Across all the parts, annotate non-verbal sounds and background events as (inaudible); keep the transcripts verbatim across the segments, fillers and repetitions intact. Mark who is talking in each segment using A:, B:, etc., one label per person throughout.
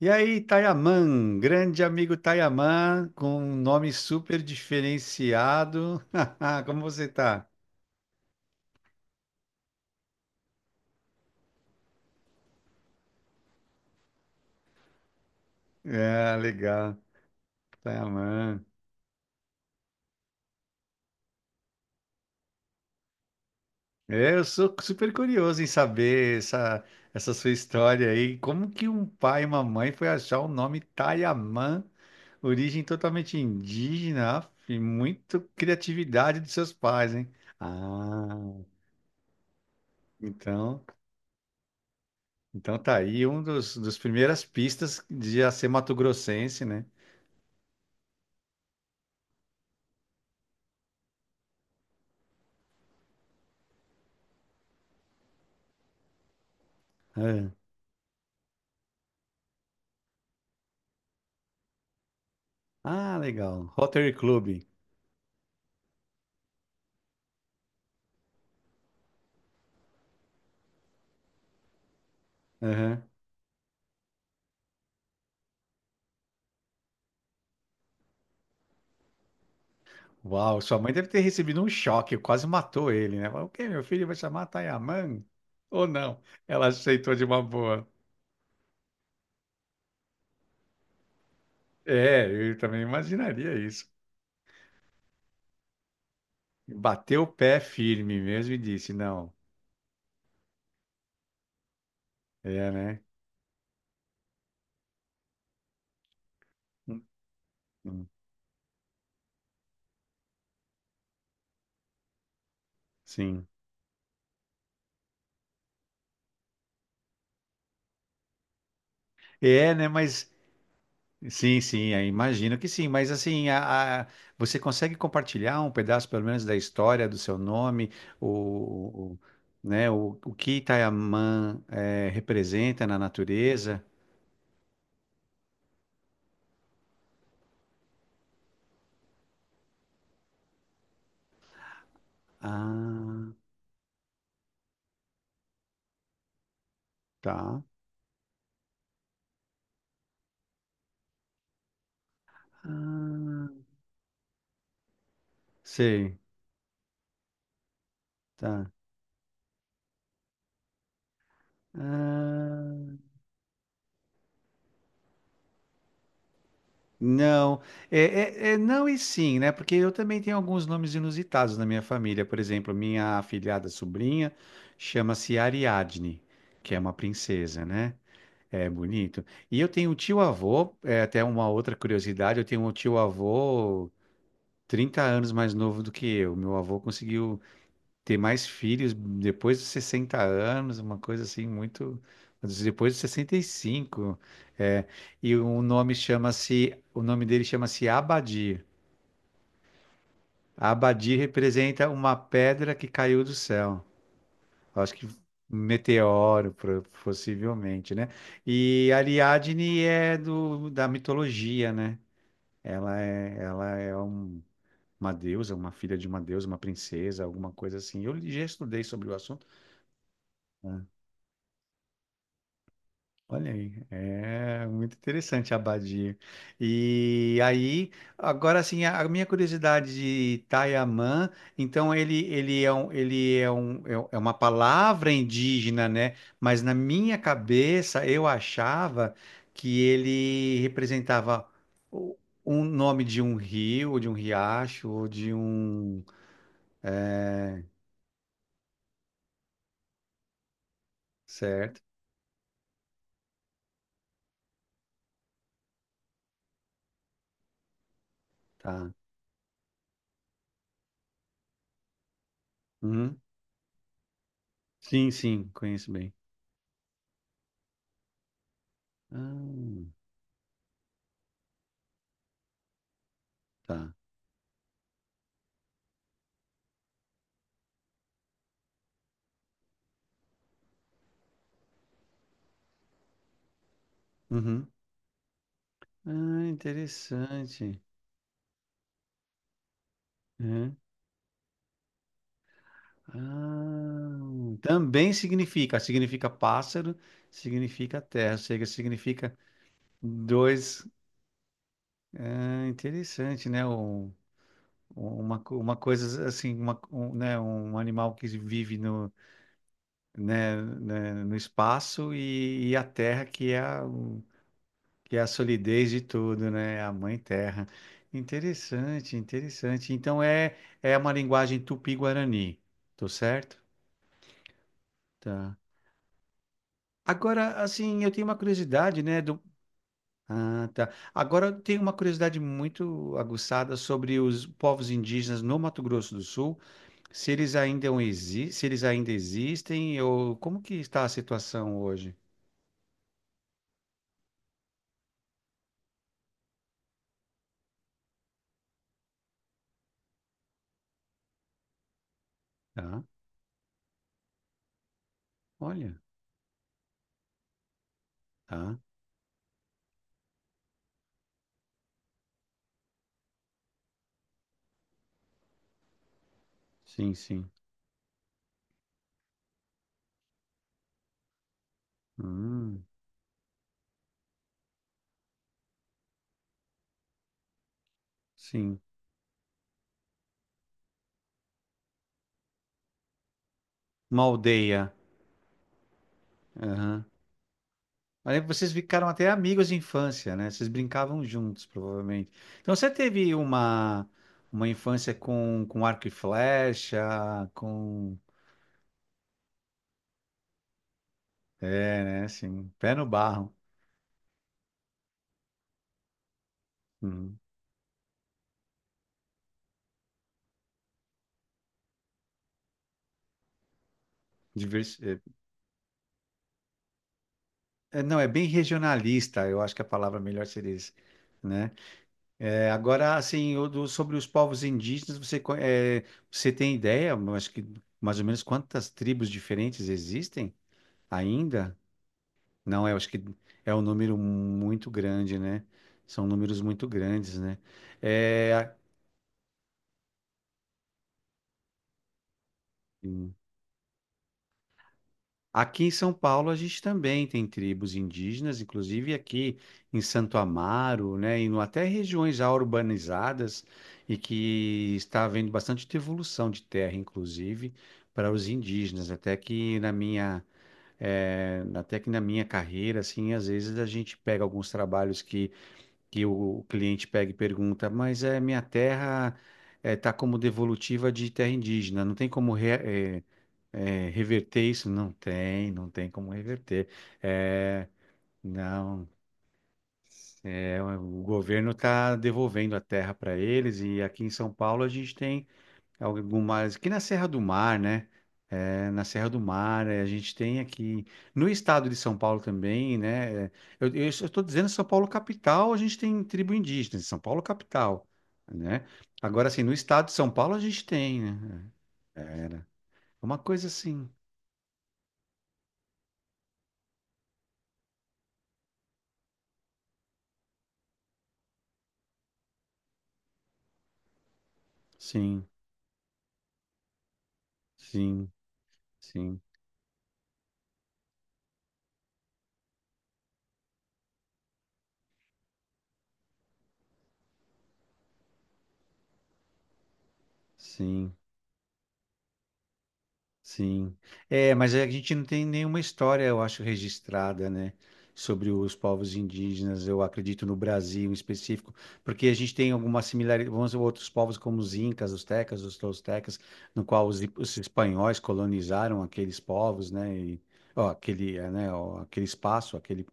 A: E aí, Tayaman, grande amigo Tayaman, com um nome super diferenciado. (laughs) Como você tá? É, legal, Tayaman. É, eu sou super curioso em saber essa, essa sua história aí. Como que um pai e uma mãe foi achar o nome Tayaman, origem totalmente indígena, af, e muito criatividade dos seus pais, hein? Ah, então. Então tá aí um dos, dos primeiras pistas de já ser mato-grossense, né? É. Ah, legal. Rotary Club. Aham. Uau, sua mãe deve ter recebido um choque, quase matou ele, né? Falou, o quê? Meu filho vai chamar Tayaman? Ou não? Ela aceitou de uma boa. É, eu também imaginaria isso. Bateu o pé firme mesmo e disse, não. É, né? Hum, hum. Sim. É, né? Mas Sim, sim, é, imagino que sim, mas assim, a, a- você consegue compartilhar um pedaço, pelo menos, da história do seu nome, o, o- né, o, o que Itaiamã eh, representa na natureza? Ah, tá. Ah, sei, tá. Ah, não, é, é- é não e sim, né? Porque eu também tenho alguns nomes inusitados na minha família. Por exemplo, minha afilhada sobrinha chama-se Ariadne, que é uma princesa, né? É bonito. E eu tenho um tio-avô, é até uma outra curiosidade, eu tenho um tio-avô trinta anos mais novo do que eu. Meu avô conseguiu ter mais filhos depois dos sessenta anos, uma coisa assim muito... Depois dos sessenta e cinco. É, e o nome chama-se... O nome dele chama-se Abadir. Abadir representa uma pedra que caiu do céu. Acho que meteoro, pro- possivelmente, né? E Ariadne é do, da mitologia, né? Ela é, ela é um- uma deusa, uma filha de uma deusa, uma princesa, alguma coisa assim. Eu já estudei sobre o assunto. Olha aí, é muito interessante a abadia. E aí, agora assim, a a minha curiosidade de Taiamã, então ele, ele, é um, ele é, um, é um- é uma palavra indígena, né? Mas na minha cabeça eu achava que ele representava o- um nome de um rio, ou de um riacho, ou de um... é, certo, tá. Uhum. Sim, sim, conheço bem. Ah, tá. Uhum. Ah, interessante. Uhum. Ah, também significa, significa pássaro, significa terra, ou seja, significa dois. Ah, interessante, né? Um- um, uma, co- uma coisa assim, uma, um, né? Um animal que vive no, né? né, no espaço e, e a terra que é a, o- que é a solidez de tudo, né? A mãe terra. Interessante, interessante. Então é, é uma linguagem tupi-guarani, tô certo? Tá. Agora, assim, eu tenho uma curiosidade, né? Do... Ah, tá. Agora, eu tenho uma curiosidade muito aguçada sobre os povos indígenas no Mato Grosso do Sul, se eles ainda existem, se eles ainda existem, ou como que está a situação hoje? Tá. Olha, tá. Sim, sim. Hum, sim. Uma aldeia. Mas lembro que vocês ficaram até amigos de infância, né? Vocês brincavam juntos, provavelmente. Então você teve uma, uma infância com, com arco e flecha, com. É, né? Assim, pé no barro. Hum. Divers- é, é, não, é bem regionalista, eu acho que a palavra melhor seria isso, né? É, agora, assim, o do- sobre os povos indígenas, você, co- é, você tem ideia, eu acho que mais ou menos quantas tribos diferentes existem ainda? Não, eu acho que é um número muito grande, né? São números muito grandes, né? É, a- aqui em São Paulo a gente também tem tribos indígenas, inclusive aqui em Santo Amaro, né? E no- até regiões já urbanizadas e que está havendo bastante devolução de terra, inclusive, para os indígenas. Até que na minha, é, até que na minha carreira, assim, às vezes a gente pega alguns trabalhos que que o cliente pega e pergunta, mas é minha terra está como devolutiva de terra indígena, não tem como re- eh, eh, reverter isso? Não tem, não tem como reverter. É, não, é, o governo está devolvendo a terra para eles e aqui em São Paulo a gente tem algumas aqui na Serra do Mar, né? É, na Serra do Mar, é, a gente tem aqui no estado de São Paulo também, né? É, Eu eu estou dizendo São Paulo capital, a gente tem tribo indígena, em São Paulo capital, né? Agora, assim, no estado de São Paulo a gente tem, né? É, era uma coisa assim, sim, sim, sim, sim. Sim. É, mas a gente não tem nenhuma história, eu acho, registrada, né, sobre os povos indígenas, eu acredito no Brasil em específico, porque a gente tem alguma similaridade, vamos dizer, outros povos como os incas, os tecas, os toltecas, no qual os, os espanhóis colonizaram aqueles povos, né, e, ó, aquele, é, né, ó, aquele espaço, aquele,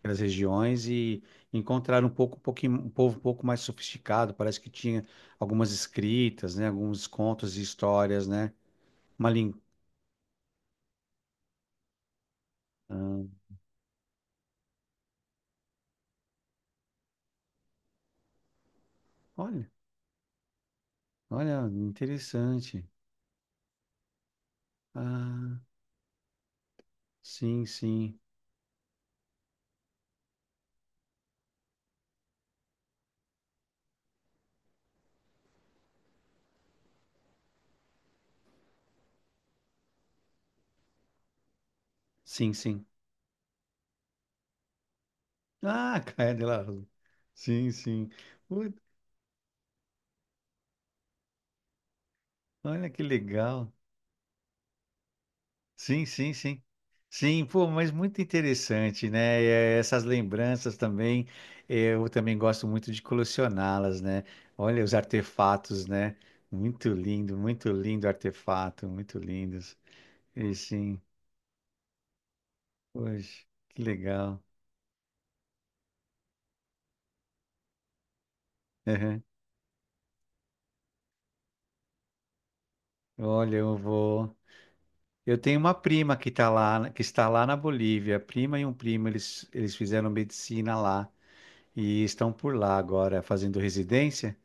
A: aquelas regiões e encontraram um pouco, um pouquinho, um povo um pouco mais sofisticado, parece que tinha algumas escritas, né, alguns contos e histórias, né, uma língua. Olha, olha, interessante. Ah, sim, sim, sim, sim. Ah, (laughs) Caia de la Rua. Sim, sim. Ui, olha que legal. Sim, sim, sim. Sim, pô, mas muito interessante, né? É, essas lembranças também, é, eu também gosto muito de colecioná-las, né? Olha os artefatos, né? Muito lindo, muito lindo artefato, muito lindos. E sim, poxa, que legal. Aham. Olha, eu vou. Eu tenho uma prima que tá lá, que está lá na Bolívia. Prima e um primo, eles, eles fizeram medicina lá e estão por lá agora fazendo residência.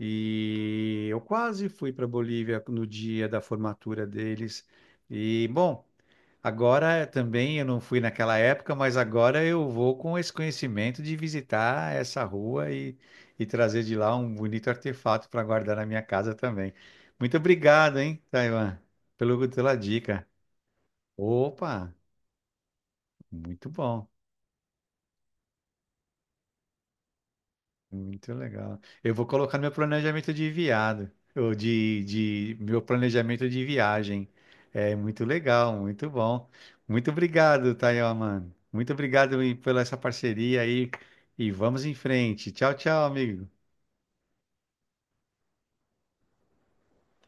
A: E eu quase fui para Bolívia no dia da formatura deles. E bom, agora também eu não fui naquela época, mas agora eu vou com esse conhecimento de visitar essa rua e, e trazer de lá um bonito artefato para guardar na minha casa também. Muito obrigado, hein, Taiwan, pelo, pela dica. Opa, muito bom, muito legal. Eu vou colocar no meu planejamento de viado, ou de, de meu planejamento de viagem. É muito legal, muito bom. Muito obrigado, Tayo, mano. Muito obrigado e- pela essa parceria aí e vamos em frente. Tchau, tchau, amigo.